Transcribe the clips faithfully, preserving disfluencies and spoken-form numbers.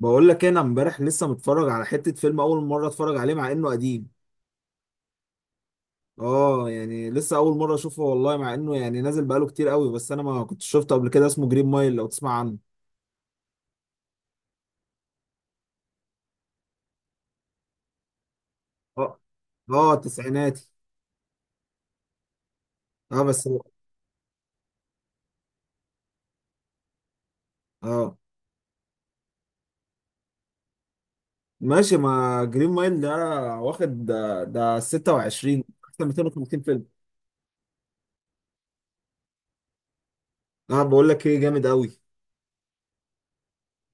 بقول لك إيه، انا امبارح لسه متفرج على حتة فيلم اول مرة اتفرج عليه مع انه قديم. اه يعني لسه اول مرة اشوفه والله مع انه يعني نازل بقاله كتير قوي بس انا ما كنتش شفته قبل كده. اسمه جرين مايل، لو تسمع عنه. اه. اه تسعيناتي. اه بس هو- اه ماشي. ما جرين مايل ده واخد ده، ده ستة وعشرين، احسن مئتين وخمسين فيلم. اه بقول لك ايه، جامد قوي.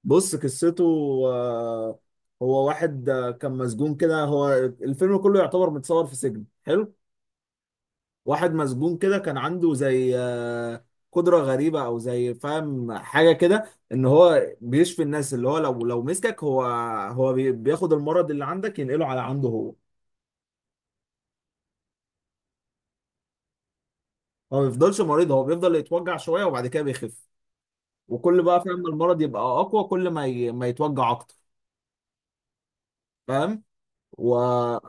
بص قصته. آه، هو واحد آه، كان مسجون كده. هو الفيلم كله يعتبر متصور في سجن. حلو. واحد مسجون كده، كان عنده زي آه، قدرة غريبة او زي فاهم حاجة كده، ان هو بيشفي الناس. اللي هو لو لو مسكك هو، هو بي- بياخد المرض اللي عندك ينقله على عنده هو. هو ما بيفضلش مريض، هو بيفضل يتوجع شوية وبعد كده بيخف. وكل بقى فاهم المرض يبقى اقوى، كل ما ي... ما يتوجع اكتر. فاهم. وهو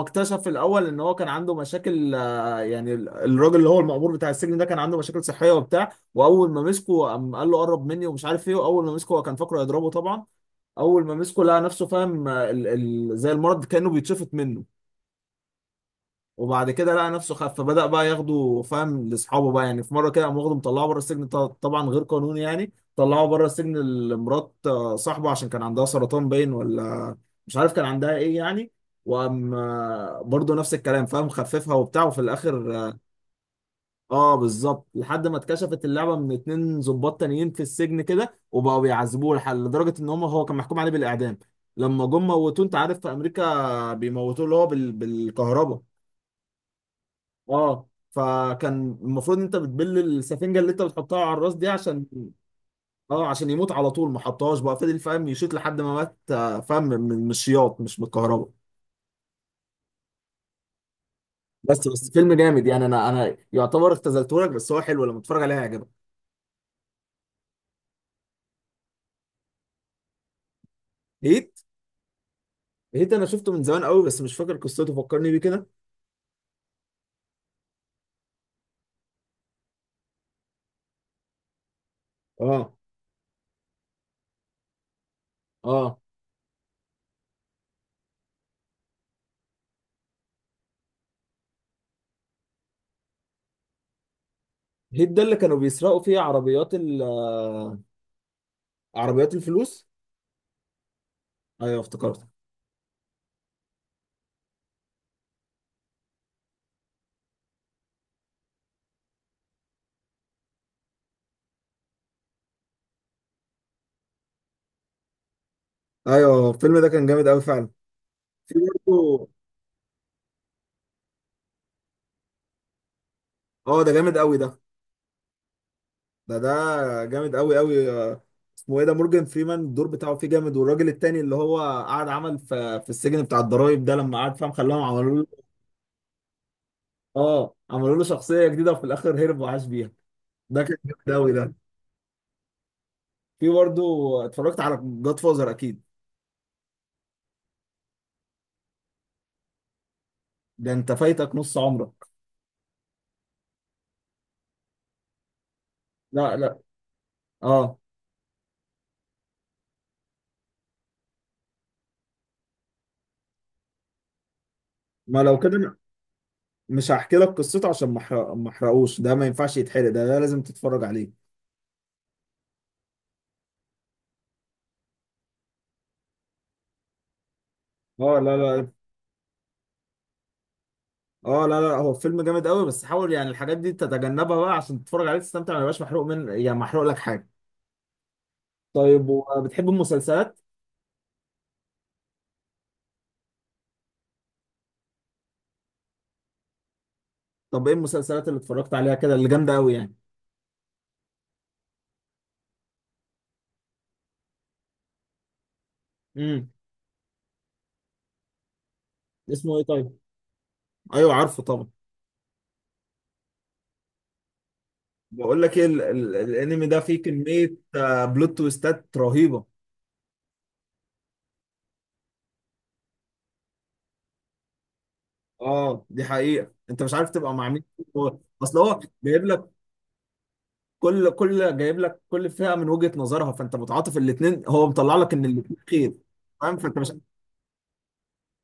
اكتشف في الاول ان هو كان عنده مشاكل. آه، يعني ال- الراجل اللي هو المأمور بتاع السجن ده كان عنده مشاكل صحيه وبتاع. واول ما مسكه قام قال له قرب مني ومش عارف ايه، واول ما مسكه هو كان فاكره يضربه طبعا. اول ما مسكه لقى نفسه فاهم، آه، ال- ال- زي المرض كانه بيتشفط منه. وبعد كده لقى نفسه خف، فبدأ بقى ياخده فاهم لاصحابه بقى. يعني في مره كده قام واخده مطلعه بره السجن، ط- طبعا غير قانوني. يعني طلعه بره السجن لمرات آه، صاحبه عشان كان عندها سرطان باين، ولا مش عارف كان عندها ايه يعني. وقام آه، برضه نفس الكلام فاهم، خففها وبتاع. وفي الاخر اه آه، بالظبط، لحد ما اتكشفت اللعبه من اتنين ضباط تانيين في السجن كده، وبقوا بيعذبوه لحد لدرجه ان هم. هو كان محكوم عليه بالاعدام، لما جم موتوه. انت عارف في امريكا بيموتوه اللي هو بال... بالكهرباء. اه، فكان المفروض انت بتبل السفنجه اللي انت بتحطها على الراس دي عشان. اه عشان يموت على طول. ما حطهاش بقى، فضل فاهم يشوط لحد ما مات آه، فاهم من من الشياط مش من الكهرباء. بس بس فيلم جامد يعني. انا انا يعتبر اختزلته لك، بس هو حلو لما تتفرج عليه هيعجبك. هيت. هيت انا شفته من زمان قوي بس مش فاكر قصته، فكرني بيه كده. اه. اه هيت ده اللي كانوا بيسرقوا فيه عربيات ال آه، عربيات الفلوس. ايوه افتكرت. ايوه الفيلم ده كان جامد قوي فعلا. في برضه. اه ده جامد قوي ده. ده ده جامد قوي قوي. اسمه ايه ده؟ مورجان فريمان الدور بتاعه فيه جامد. والراجل التاني اللي هو قعد عمل في في السجن بتاع الضرايب ده، لما قعد فاهم خلاهم عملوا له. اه عملوا له شخصيه جديده وفي الاخر هرب وعاش بيها. ده كان جامد قوي ده. في برضه اتفرجت على جاد فازر اكيد. ده انت فايتك نص عمرك. لا لا. اه ما لو كده أنا مش هحكي لك قصته عشان ما احرق- ما احرقوش. ده ما ينفعش يتحرق، ده، ده لازم تتفرج عليه. اه لا لا. اه لا لا، هو فيلم جامد قوي، بس حاول يعني الحاجات دي تتجنبها بقى عشان تتفرج عليه تستمتع، ما يبقاش محروق من يعني محروق لك حاجه. طيب وبتحب المسلسلات؟ طب ايه المسلسلات اللي اتفرجت عليها كده اللي جامده قوي يعني؟ امم. اسمه ايه طيب؟ ايوه عارفه طبعا. بقول لك ايه ال- ال- الانمي ده فيه كميه آه، بلوت تويستات رهيبه. اه دي حقيقه، انت مش عارف تبقى مع مين. هو- اصل هو جايب لك. كل كل جايب لك كل فئه من وجهه نظرها، فانت متعاطف الاثنين. هو مطلع لك ان الاثنين خير. فاهم فانت مش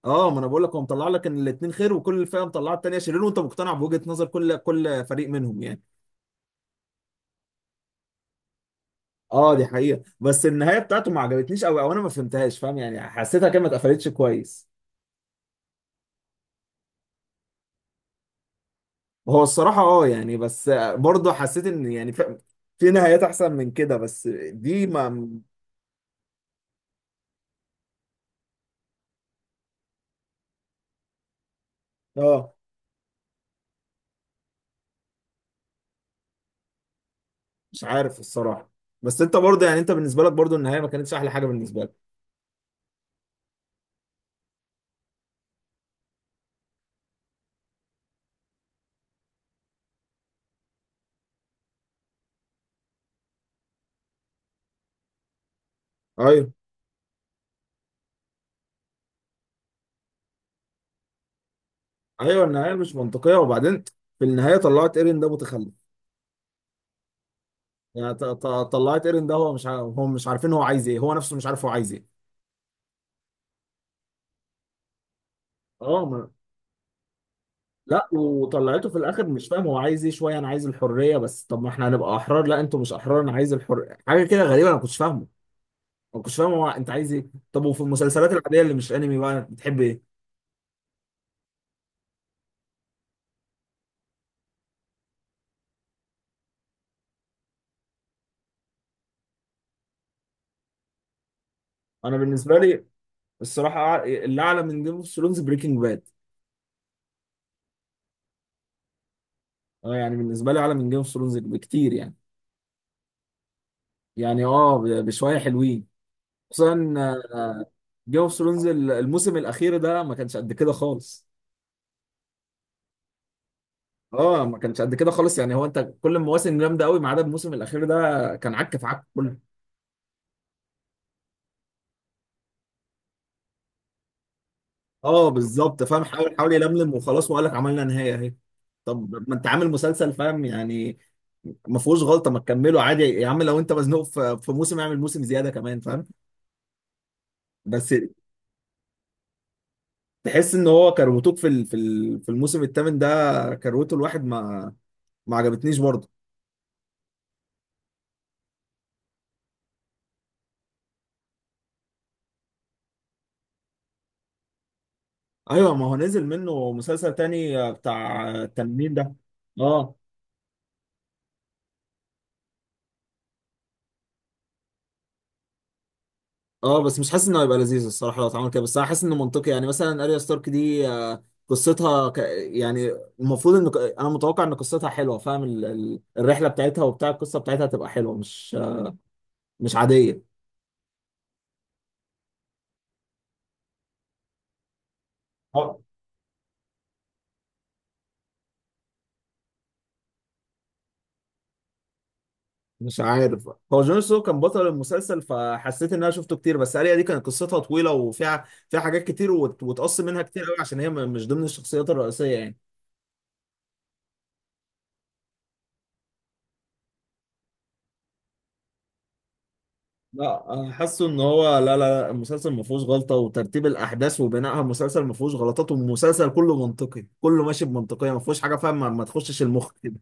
اه ما انا بقول لك هو مطلع لك ان الاثنين خير، وكل فئه مطلعه الثانيه شرير، وانت مقتنع بوجهه نظر كل كل فريق منهم يعني. اه دي حقيقه. بس النهايه بتاعته ما عجبتنيش قوي، او انا ما فهمتهاش فاهم يعني. حسيتها كده ما اتقفلتش كويس. هو الصراحه اه يعني. بس برضه حسيت ان يعني في, في نهايات احسن من كده، بس دي ما. اه مش عارف الصراحه. بس انت برضه يعني انت بالنسبه لك برضه النهايه ما كانتش احلى حاجه بالنسبه لك. ايوه. ايوه النهايه مش منطقيه. وبعدين في النهايه طلعت ايرين ده متخلف. يعني ط- ط- طلعت ايرن ده هو مش ع- هو مش عارفين هو عايز ايه، هو نفسه مش عارف هو عايز ايه. اه ما... لا وطلعته في الاخر مش فاهم هو عايز ايه شويه. انا عايز الحريه، بس طب ما احنا هنبقى احرار. لا انتوا مش احرار، انا عايز الحريه. حاجه كده غريبه انا ما كنتش فاهمه. ما كنتش فاهم هو انت عايز ايه. طب وفي المسلسلات العاديه اللي مش انمي بقى بتحب ايه؟ انا بالنسبه لي الصراحه أع- اللي اعلى من جيم اوف ثرونز بريكنج باد. اه يعني بالنسبه لي اعلى من جيم اوف ثرونز بكتير يعني. يعني اه ب- بشويه حلوين. خصوصا آه، جيم اوف ثرونز الموسم الاخير ده ما كانش قد كده خالص. اه ما كانش قد كده خالص يعني. هو انت كل المواسم جامده قوي ما عدا الموسم الاخير ده كان عك في عك كله. اه بالظبط فاهم، حاول حاول يلملم وخلاص، وقال لك عملنا نهايه اهي. طب ما انت عامل مسلسل فاهم يعني، ما فيهوش غلطه. ما تكمله عادي يا عم، لو انت مزنوق في في موسم اعمل موسم زياده كمان فاهم. بس تحس ان هو كروتوك في ال- في ال- في الموسم الثامن ده كروته الواحد ما ما عجبتنيش برضه. ايوه ما هو نزل منه مسلسل تاني آه، بتاع التنانين ده. اه. اه بس مش حاسس انه هيبقى لذيذ الصراحه لو اتعمل كده. بس انا حاسس انه منطقي يعني. مثلا اريا ستارك دي آه، قصتها ك... يعني المفروض ان ك- انا متوقع ان قصتها حلوه فاهم. ال... ال... الرحله بتاعتها وبتاع القصه بتاعتها هتبقى حلوه، مش آه، مش عاديه. آه. مش عارف، هو جون سنو كان بطل المسلسل فحسيت ان انا شفته كتير. بس اريا دي كانت قصتها طويله وفيها فيها حاجات كتير، وت... وتقص منها كتير قوي عشان هي م- مش ضمن الشخصيات الرئيسيه يعني. لا انا حاسه ان هو لا لا لا، المسلسل ما فيهوش غلطه، وترتيب الاحداث وبنائها المسلسل ما فيهوش غلطات، والمسلسل كله منطقي كله ماشي بمنطقيه، ما فيهوش حاجه فاهم ما ما تخشش المخ كده.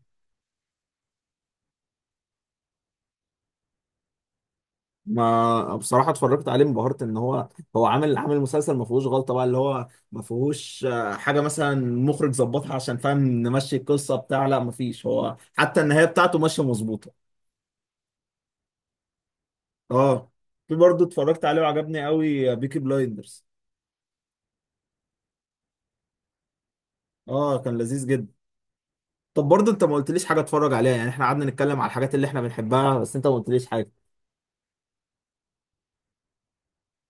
ما بصراحه اتفرجت عليه انبهرت ان هو، هو عامل عامل مسلسل ما فيهوش غلطه بقى، اللي هو ما فيهوش آه، حاجه مثلا مخرج ظبطها عشان فاهم نمشي القصه بتاع، لا ما فيش، هو حتى النهايه بتاعته ماشيه مظبوطه. اه في برضه اتفرجت عليه وعجبني قوي بيكي بلايندرز. اه كان لذيذ جدا. طب برضه انت ما قلتليش حاجه اتفرج عليها يعني. احنا قعدنا نتكلم على الحاجات اللي احنا بنحبها بس انت ما قلتليش حاجه.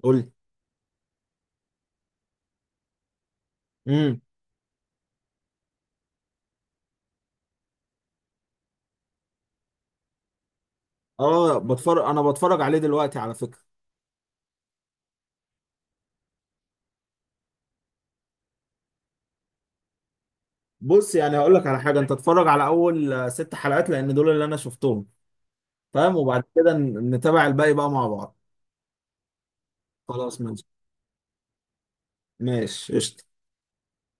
قول لي. امم. اه بتفرج، انا بتفرج عليه دلوقتي على فكره. بص يعني هقول لك على حاجه، انت اتفرج على اول آه، ست حلقات لان دول اللي انا شفتهم فاهم. وبعد كده ن- نتابع الباقي بقى مع بعض. خلاص ماشي. ماشي قشطه.